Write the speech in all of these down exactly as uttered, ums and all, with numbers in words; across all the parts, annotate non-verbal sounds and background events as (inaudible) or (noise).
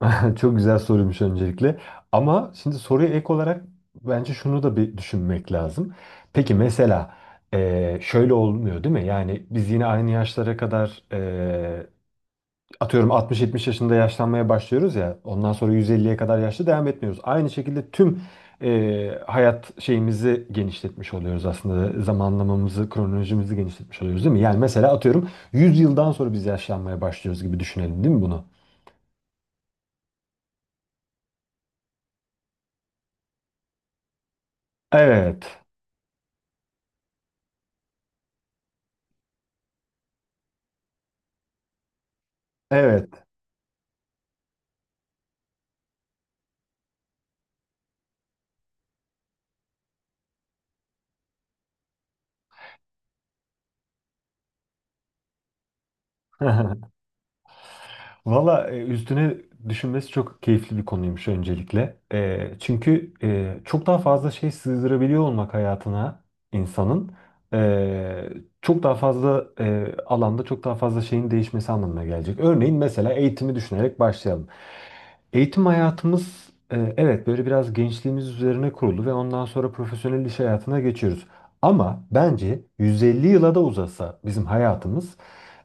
(laughs) Çok güzel soruymuş öncelikle. Ama şimdi soruya ek olarak bence şunu da bir düşünmek lazım. Peki mesela eee, şöyle olmuyor değil mi? Yani biz yine aynı yaşlara kadar eee, atıyorum altmış yetmiş yaşında yaşlanmaya başlıyoruz ya. Ondan sonra yüz elliye kadar yaşlı devam etmiyoruz. Aynı şekilde tüm eee, hayat şeyimizi genişletmiş oluyoruz aslında. Zamanlamamızı, kronolojimizi genişletmiş oluyoruz değil mi? Yani mesela atıyorum yüz yıldan sonra biz yaşlanmaya başlıyoruz gibi düşünelim değil mi bunu? Evet. Evet. (laughs) Valla e, üstüne düşünmesi çok keyifli bir konuymuş öncelikle. E, çünkü e, çok daha fazla şey sığdırabiliyor olmak hayatına insanın e, çok daha fazla e, alanda çok daha fazla şeyin değişmesi anlamına gelecek. Örneğin mesela eğitimi düşünerek başlayalım. Eğitim hayatımız e, evet böyle biraz gençliğimiz üzerine kurulu ve ondan sonra profesyonel iş hayatına geçiyoruz. Ama bence yüz elli yıla da uzasa bizim hayatımız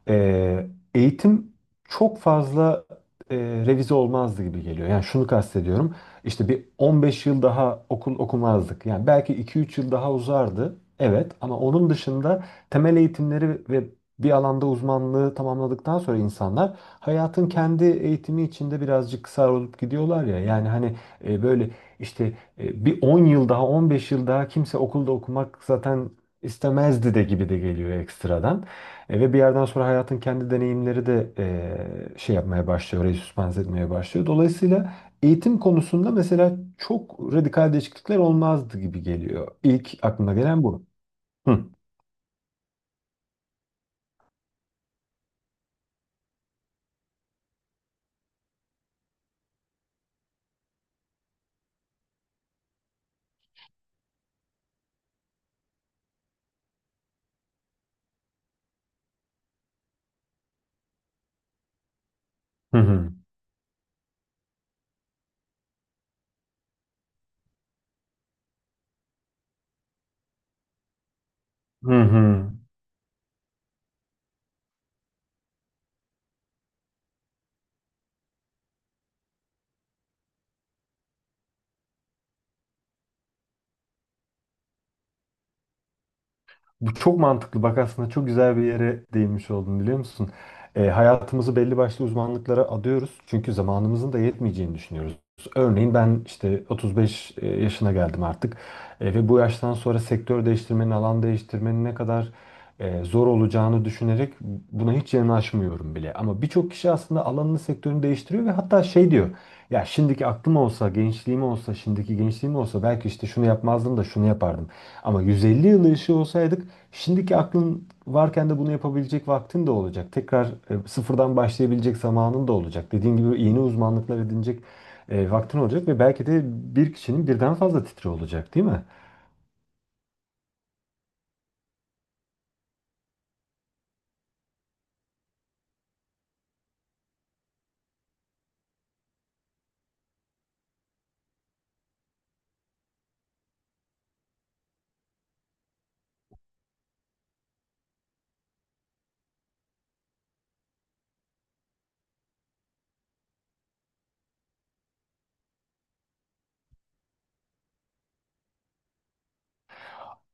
e, eğitim çok fazla e, revize olmazdı gibi geliyor. Yani şunu kastediyorum. İşte bir on beş yıl daha okul okumazdık. Yani belki iki üç yıl daha uzardı. Evet, ama onun dışında temel eğitimleri ve bir alanda uzmanlığı tamamladıktan sonra insanlar hayatın kendi eğitimi içinde birazcık kısar olup gidiyorlar ya. Yani hani e, böyle işte e, bir on yıl daha on beş yıl daha kimse okulda okumak zaten istemezdi de gibi de geliyor ekstradan. E, ve bir yerden sonra hayatın kendi deneyimleri de e, şey yapmaya başlıyor, orayı süspans etmeye başlıyor. Dolayısıyla eğitim konusunda mesela çok radikal değişiklikler olmazdı gibi geliyor. İlk aklıma gelen bu. Hı hı hı. Hı hı. Bu çok mantıklı. Bak aslında çok güzel bir yere değinmiş oldun, biliyor musun? E, hayatımızı belli başlı uzmanlıklara adıyoruz. Çünkü zamanımızın da yetmeyeceğini düşünüyoruz. Örneğin ben işte otuz beş e, yaşına geldim artık. E, ve bu yaştan sonra sektör değiştirmenin, alan değiştirmenin ne kadar e, zor olacağını düşünerek buna hiç yanaşmıyorum bile. Ama birçok kişi aslında alanını, sektörünü değiştiriyor ve hatta şey diyor. Ya şimdiki aklım olsa, gençliğim olsa, şimdiki gençliğim olsa belki işte şunu yapmazdım da şunu yapardım. Ama yüz elli yıl yaşıyor olsaydık şimdiki aklın varken de bunu yapabilecek vaktin de olacak. Tekrar e, sıfırdan başlayabilecek zamanın da olacak. Dediğin gibi yeni uzmanlıklar edinecek e, vaktin olacak ve belki de bir kişinin birden fazla titri olacak, değil mi?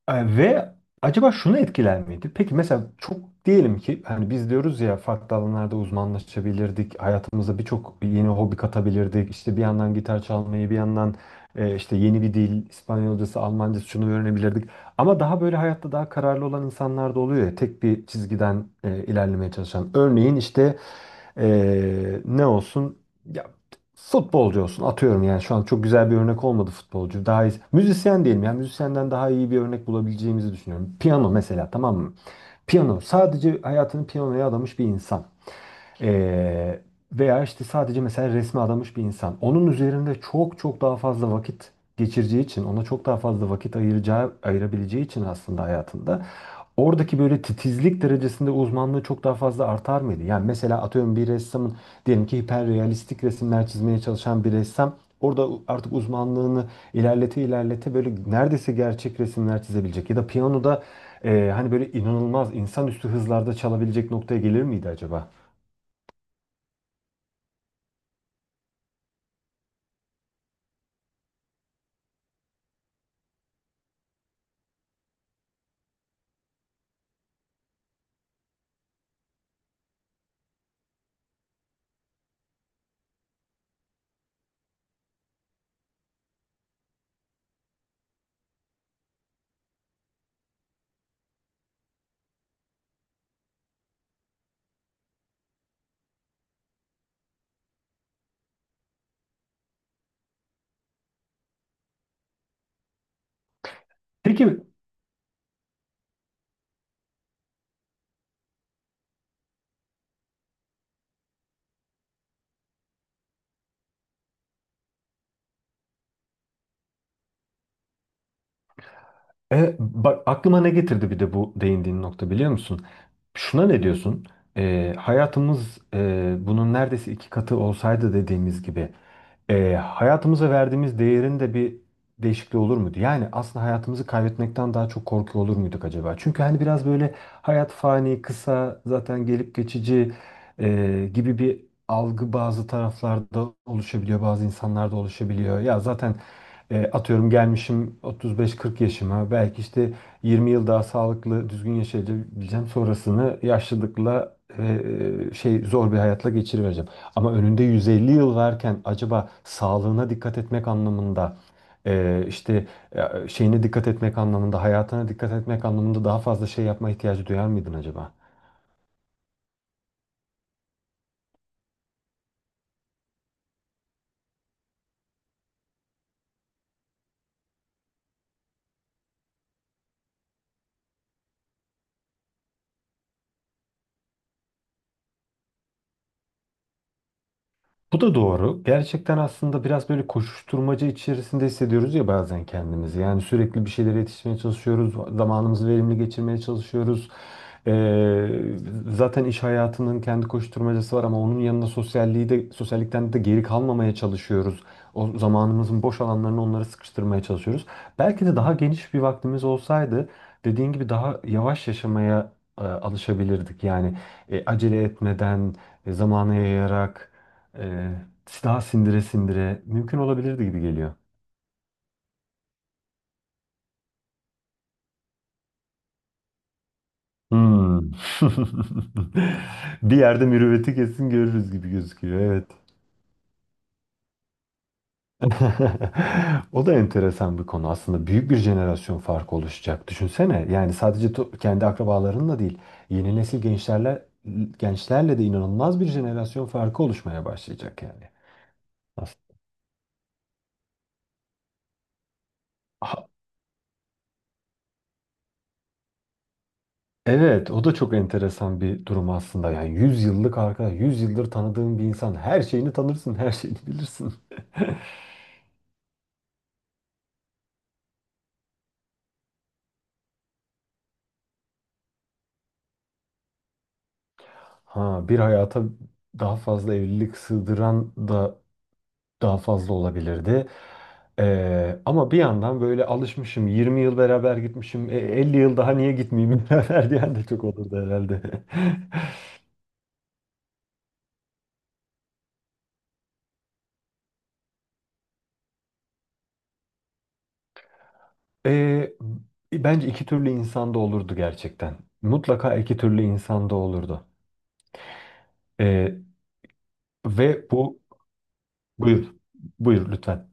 E, Ve acaba şunu etkiler miydi? Peki mesela çok diyelim ki hani biz diyoruz ya, farklı alanlarda uzmanlaşabilirdik. Hayatımıza birçok yeni hobi katabilirdik. İşte bir yandan gitar çalmayı, bir yandan e, işte yeni bir dil, İspanyolcası, Almancası şunu öğrenebilirdik. Ama daha böyle hayatta daha kararlı olan insanlar da oluyor ya, tek bir çizgiden e, ilerlemeye çalışan. Örneğin işte e, ne olsun? Futbolcu olsun atıyorum, yani şu an çok güzel bir örnek olmadı futbolcu. Daha iyi, müzisyen diyelim, yani müzisyenden daha iyi bir örnek bulabileceğimizi düşünüyorum. Piyano mesela, tamam mı? Piyano sadece hayatını piyanoya adamış bir insan. Ee, veya işte sadece mesela resme adamış bir insan. Onun üzerinde çok çok daha fazla vakit geçireceği için, ona çok daha fazla vakit ayıracağı, ayırabileceği için aslında hayatında oradaki böyle titizlik derecesinde uzmanlığı çok daha fazla artar mıydı? Yani mesela atıyorum bir ressamın, diyelim ki hiperrealistik resimler çizmeye çalışan bir ressam orada artık uzmanlığını ilerlete ilerlete böyle neredeyse gerçek resimler çizebilecek ya da piyanoda e, hani böyle inanılmaz insanüstü hızlarda çalabilecek noktaya gelir miydi acaba? Peki e, bak aklıma ne getirdi bir de bu değindiğin nokta, biliyor musun? Şuna ne diyorsun? E, hayatımız e, bunun neredeyse iki katı olsaydı, dediğimiz gibi e, hayatımıza verdiğimiz değerin de bir değişikliği olur muydu? Yani aslında hayatımızı kaybetmekten daha çok korkuyor olur muyduk acaba? Çünkü hani biraz böyle hayat fani, kısa, zaten gelip geçici e, gibi bir algı bazı taraflarda oluşabiliyor, bazı insanlarda oluşabiliyor. Ya zaten E, atıyorum gelmişim otuz beş kırk yaşıma, belki işte yirmi yıl daha sağlıklı düzgün yaşayabileceğim, sonrasını yaşlılıkla e, şey zor bir hayatla geçirivereceğim. Ama önünde yüz elli yıl varken acaba sağlığına dikkat etmek anlamında e, işte e, şeyine dikkat etmek anlamında, hayatına dikkat etmek anlamında daha fazla şey yapma ihtiyacı duyar mıydın acaba? Bu da doğru. Gerçekten aslında biraz böyle koşuşturmaca içerisinde hissediyoruz ya bazen kendimizi. Yani sürekli bir şeylere yetişmeye çalışıyoruz. Zamanımızı verimli geçirmeye çalışıyoruz. Ee, zaten iş hayatının kendi koşuşturmacası var ama onun yanında sosyalliği de, sosyallikten de geri kalmamaya çalışıyoruz. O zamanımızın boş alanlarını onlara sıkıştırmaya çalışıyoruz. Belki de daha geniş bir vaktimiz olsaydı dediğin gibi daha yavaş yaşamaya e, alışabilirdik. Yani e, acele etmeden, e, zamana yayarak ee, daha sindire sindire mümkün olabilirdi gibi geliyor. Hmm. (laughs) Bir yerde mürüvveti kesin görürüz gibi gözüküyor. Evet. (laughs) O da enteresan bir konu. Aslında büyük bir jenerasyon farkı oluşacak. Düşünsene. Yani sadece to- kendi akrabalarınla değil, yeni nesil gençlerle gençlerle de inanılmaz bir jenerasyon farkı oluşmaya başlayacak yani. Aslında. Evet, o da çok enteresan bir durum aslında. Yani yüz yıllık arkadaş, yüz yıldır tanıdığın bir insan, her şeyini tanırsın, her şeyini bilirsin. (laughs) Ha, bir hayata daha fazla evlilik sığdıran da daha fazla olabilirdi. Ee, ama bir yandan böyle alışmışım, yirmi yıl beraber gitmişim, e, elli yıl daha niye gitmeyeyim (laughs) beraber diyen de çok olurdu herhalde. (laughs) Ee, bence iki türlü insan da olurdu gerçekten. Mutlaka iki türlü insan da olurdu. Ee, ve bu Buyur, buyur lütfen.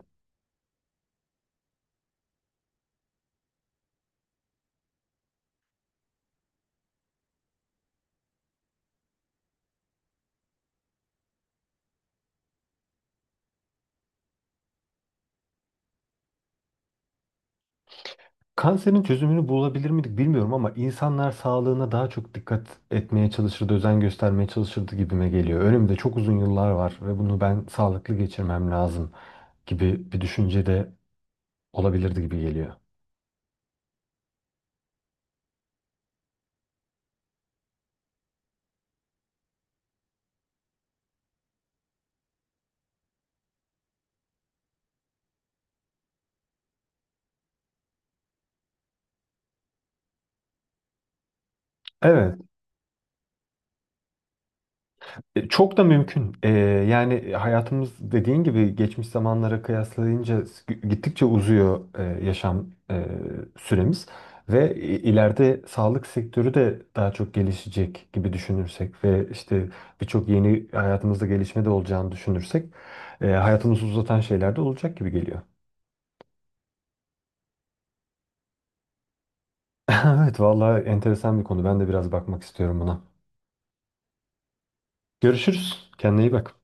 Kanserin çözümünü bulabilir miydik bilmiyorum ama insanlar sağlığına daha çok dikkat etmeye çalışırdı, özen göstermeye çalışırdı gibime geliyor. Önümde çok uzun yıllar var ve bunu ben sağlıklı geçirmem lazım gibi bir düşünce de olabilirdi gibi geliyor. Evet. E, Çok da mümkün. E, yani e, hayatımız dediğin gibi geçmiş zamanlara kıyaslayınca s- gittikçe uzuyor e, yaşam e, süremiz ve i- ileride sağlık sektörü de daha çok gelişecek gibi düşünürsek ve işte birçok yeni hayatımızda gelişme de olacağını düşünürsek e, hayatımızı uzatan şeyler de olacak gibi geliyor. (laughs) Evet, vallahi enteresan bir konu. Ben de biraz bakmak istiyorum buna. Görüşürüz. Kendine iyi bak.